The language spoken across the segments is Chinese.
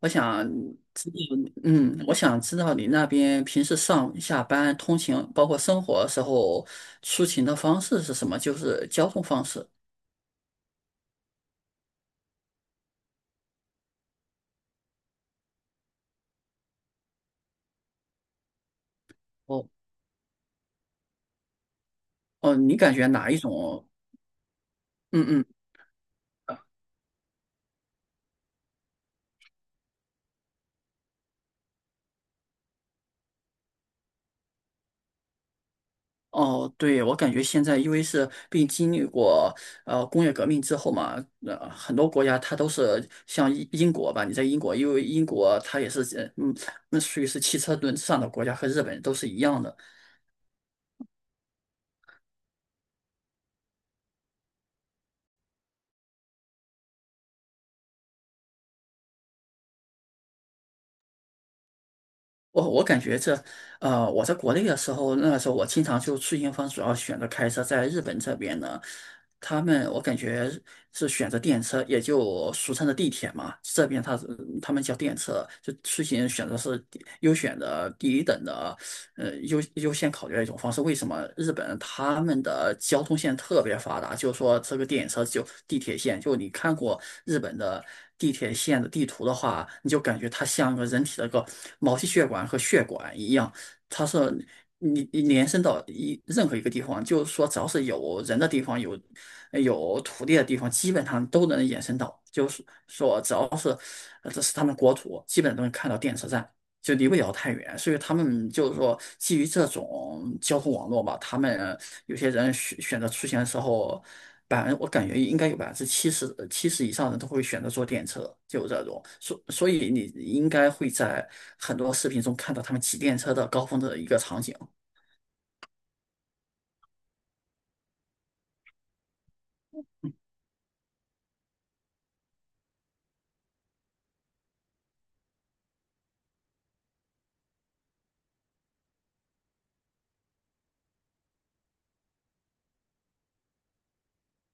我想知道，我想知道你那边平时上下班、通勤，包括生活时候出行的方式是什么？就是交通方式。哦哦，你感觉哪一种？嗯嗯。哦，对，我感觉现在因为是并经历过工业革命之后嘛，很多国家它都是像英国吧，你在英国，因为英国它也是那属于是汽车轮上的国家，和日本都是一样的。我感觉我在国内的时候，那个时候我经常就出行方主要选择开车，在日本这边呢，他们我感觉是选择电车，也就俗称的地铁嘛，这边他们叫电车，就出行选择是第一等的优先考虑的一种方式。为什么日本他们的交通线特别发达？就是说这个电车就地铁线，就你看过日本的地铁线的地图的话，你就感觉它像个人体的一个毛细血管和血管一样，它是你延伸到任何一个地方，就是说只要是有人的地方，有土地的地方，基本上都能延伸到。就是说，只要是这是他们国土，基本都能看到电车站。就离不了太远，所以他们就是说，基于这种交通网络吧，他们有些人选择出行的时候，我感觉应该有百分之七十以上的人都会选择坐电车，就这种，所以你应该会在很多视频中看到他们骑电车的高峰的一个场景。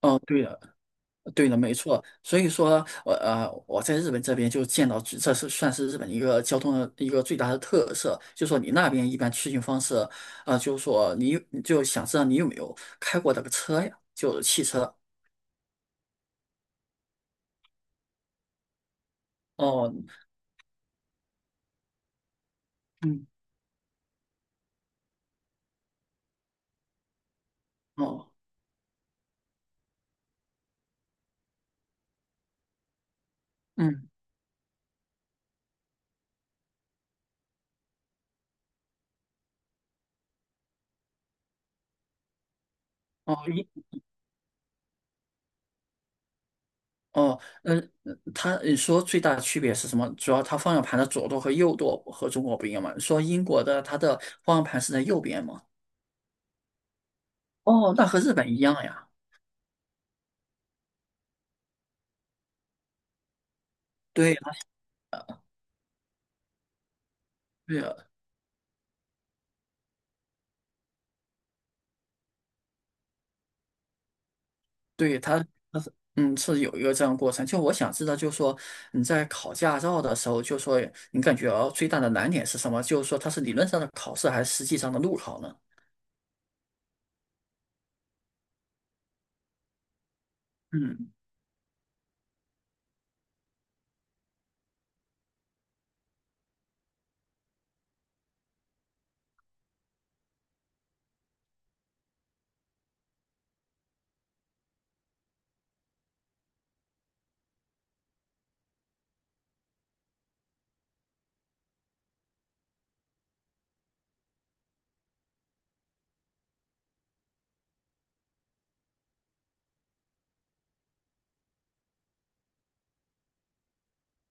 嗯，对的，对的，没错。所以说，我在日本这边就见到，这是算是日本一个交通的一个最大的特色，就说你那边一般出行方式，就说你就想知道你有没有开过那个车呀，就是汽车。哦，嗯，哦，嗯，哦，哦，嗯，你说最大的区别是什么？主要它方向盘的左舵和右舵和中国不一样嘛？你说英国的它的方向盘是在右边嘛？哦，那和日本一样呀。对呀，对呀，对。他是有一个这样的过程。就我想知道，就是说你在考驾照的时候，就说你感觉最大的难点是什么？就是说它是理论上的考试还是实际上的路考呢？嗯，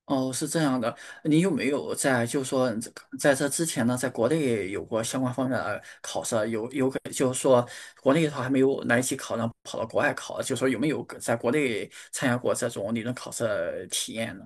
哦，是这样的。你有没有在就是说这个在这之前呢，在国内有过相关方面的考试啊有有可就是说国内的话还没有来得及考，然后跑到国外考啊，就说有没有在国内参加过这种理论考试的体验呢？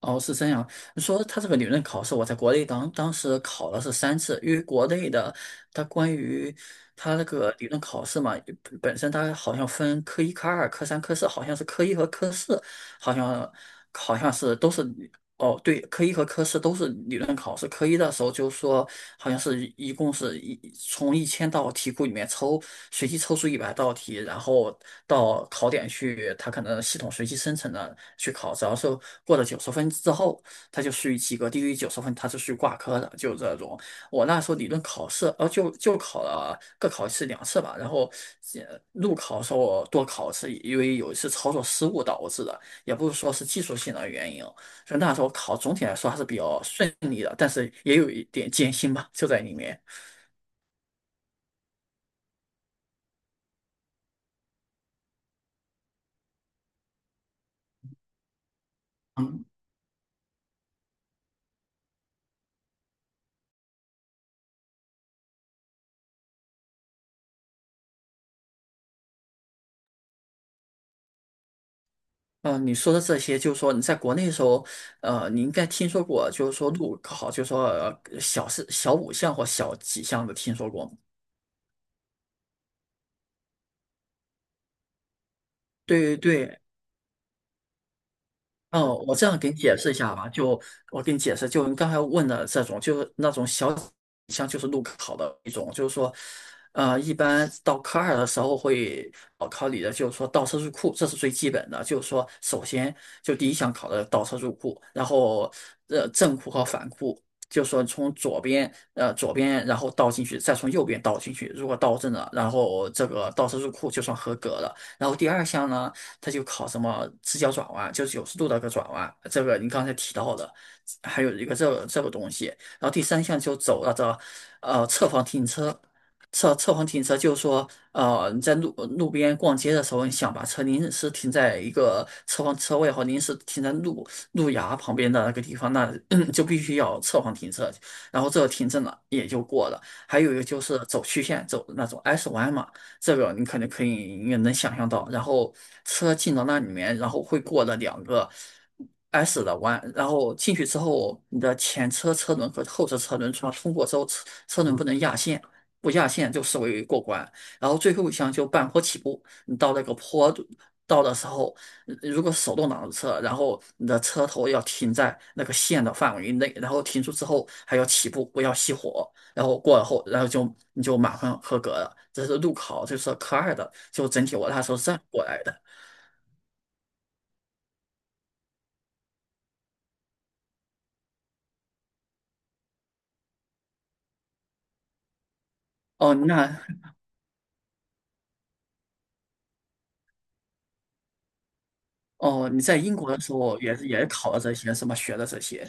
哦，是这样。说它这个理论考试，我在国内当时考了是三次，因为国内的它关于它那个理论考试嘛，本身它好像分科一、科二、科三、科四，好像是科一和科四。好像好像是都是哦，对，科一和科四都是理论考试。科一的时候就说好像是一共是从1000道题库里面抽，随机抽出100道题，然后到考点去，他可能系统随机生成的去考，只要是过了九十分之后，他就属于及格，低于九十分他是属于挂科的，就这种。我那时候理论考试，就考了各考一次两次吧，然后路考的时候我多考一次，因为有一次操作失误导致的。也不是说是技术性的原因哦，所以那时候考总体来说还是比较顺利的，但是也有一点艰辛吧，就在里面。嗯，嗯，你说的这些，就是说你在国内的时候，你应该听说过，就是说路考，就是说小四、小五项或小几项的听说过吗？对对哦，我这样给你解释一下吧。就我给你解释，就你刚才问的这种，就是那种小项就是路考的一种，就是说，一般到科二的时候会考你的，就是说倒车入库，这是最基本的。就是说，首先就第一项考的倒车入库，然后正库和反库，就是说从左边然后倒进去，再从右边倒进去，如果倒正了，然后这个倒车入库就算合格了。然后第二项呢？它就考什么直角转弯，就90度的个转弯，这个你刚才提到的，还有一个这个东西，然后第三项就走了侧方停车。侧方停车就是说，你在路边逛街的时候，你想把车临时停在一个侧方车位或临时停在路牙旁边的那个地方，那 就必须要侧方停车，然后这个停证了也就过了。还有一个就是走曲线，走那种 S 弯嘛，这个你可能可以也能想象到。然后车进到那里面，然后会过了两个 S 的弯，然后进去之后，你的前车车轮和后车车轮通过之后，车轮不能压线，不压线就视为过关。然后最后一项就半坡起步，你到那个坡度到的时候，如果手动挡的车，然后你的车头要停在那个线的范围内，然后停住之后还要起步，不要熄火。然后过了后，然后就你就马上合格了。这是路考，这是科二的，就整体我那时候是这样过来的。哦，那哦，你在英国的时候也是也考了这些，什么学的这些？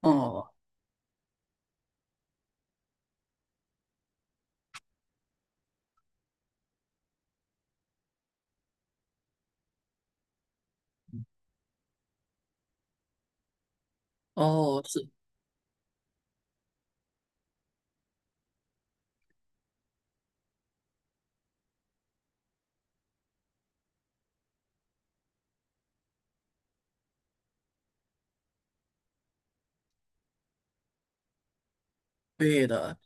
哦哦，是对的。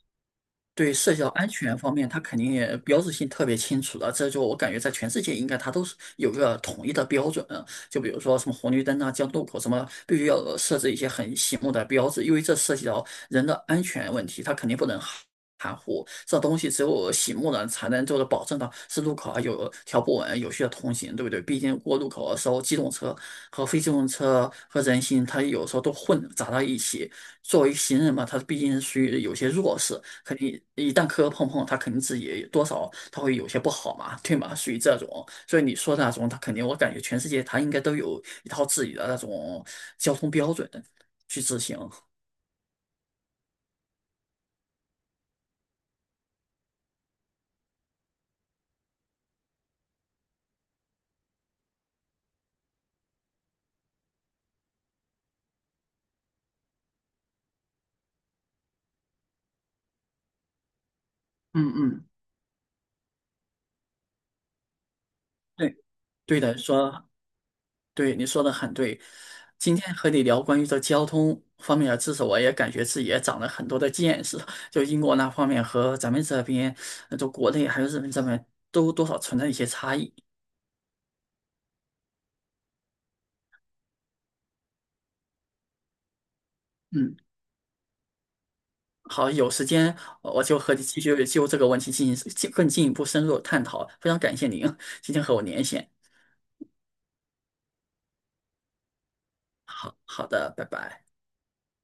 对社交安全方面，它肯定也标志性特别清楚的，这就我感觉在全世界应该它都是有一个统一的标准啊。就比如说什么红绿灯啊、交通路口什么，必须要设置一些很醒目的标志，因为这涉及到人的安全问题，它肯定不能含糊。这东西只有醒目了，才能就是保证到是路口啊有条不紊、有序的通行，对不对？毕竟过路口的时候，机动车和非机动车和人行，它有时候都混杂到一起。作为行人嘛，他毕竟是属于有些弱势。肯定一旦磕磕碰碰，他肯定自己多少他会有些不好嘛，对吗？属于这种，所以你说的那种，他肯定我感觉全世界他应该都有一套自己的那种交通标准去执行。嗯嗯，对，对的，说对，你说的很对。今天和你聊关于这交通方面的知识，我也感觉自己也长了很多的见识。就英国那方面和咱们这边，就国内还有日本这边，都多少存在一些差异。嗯好，有时间我就和你继续就这个问题进行进更进一步深入的探讨。非常感谢您今天和我连线。好好的，拜拜。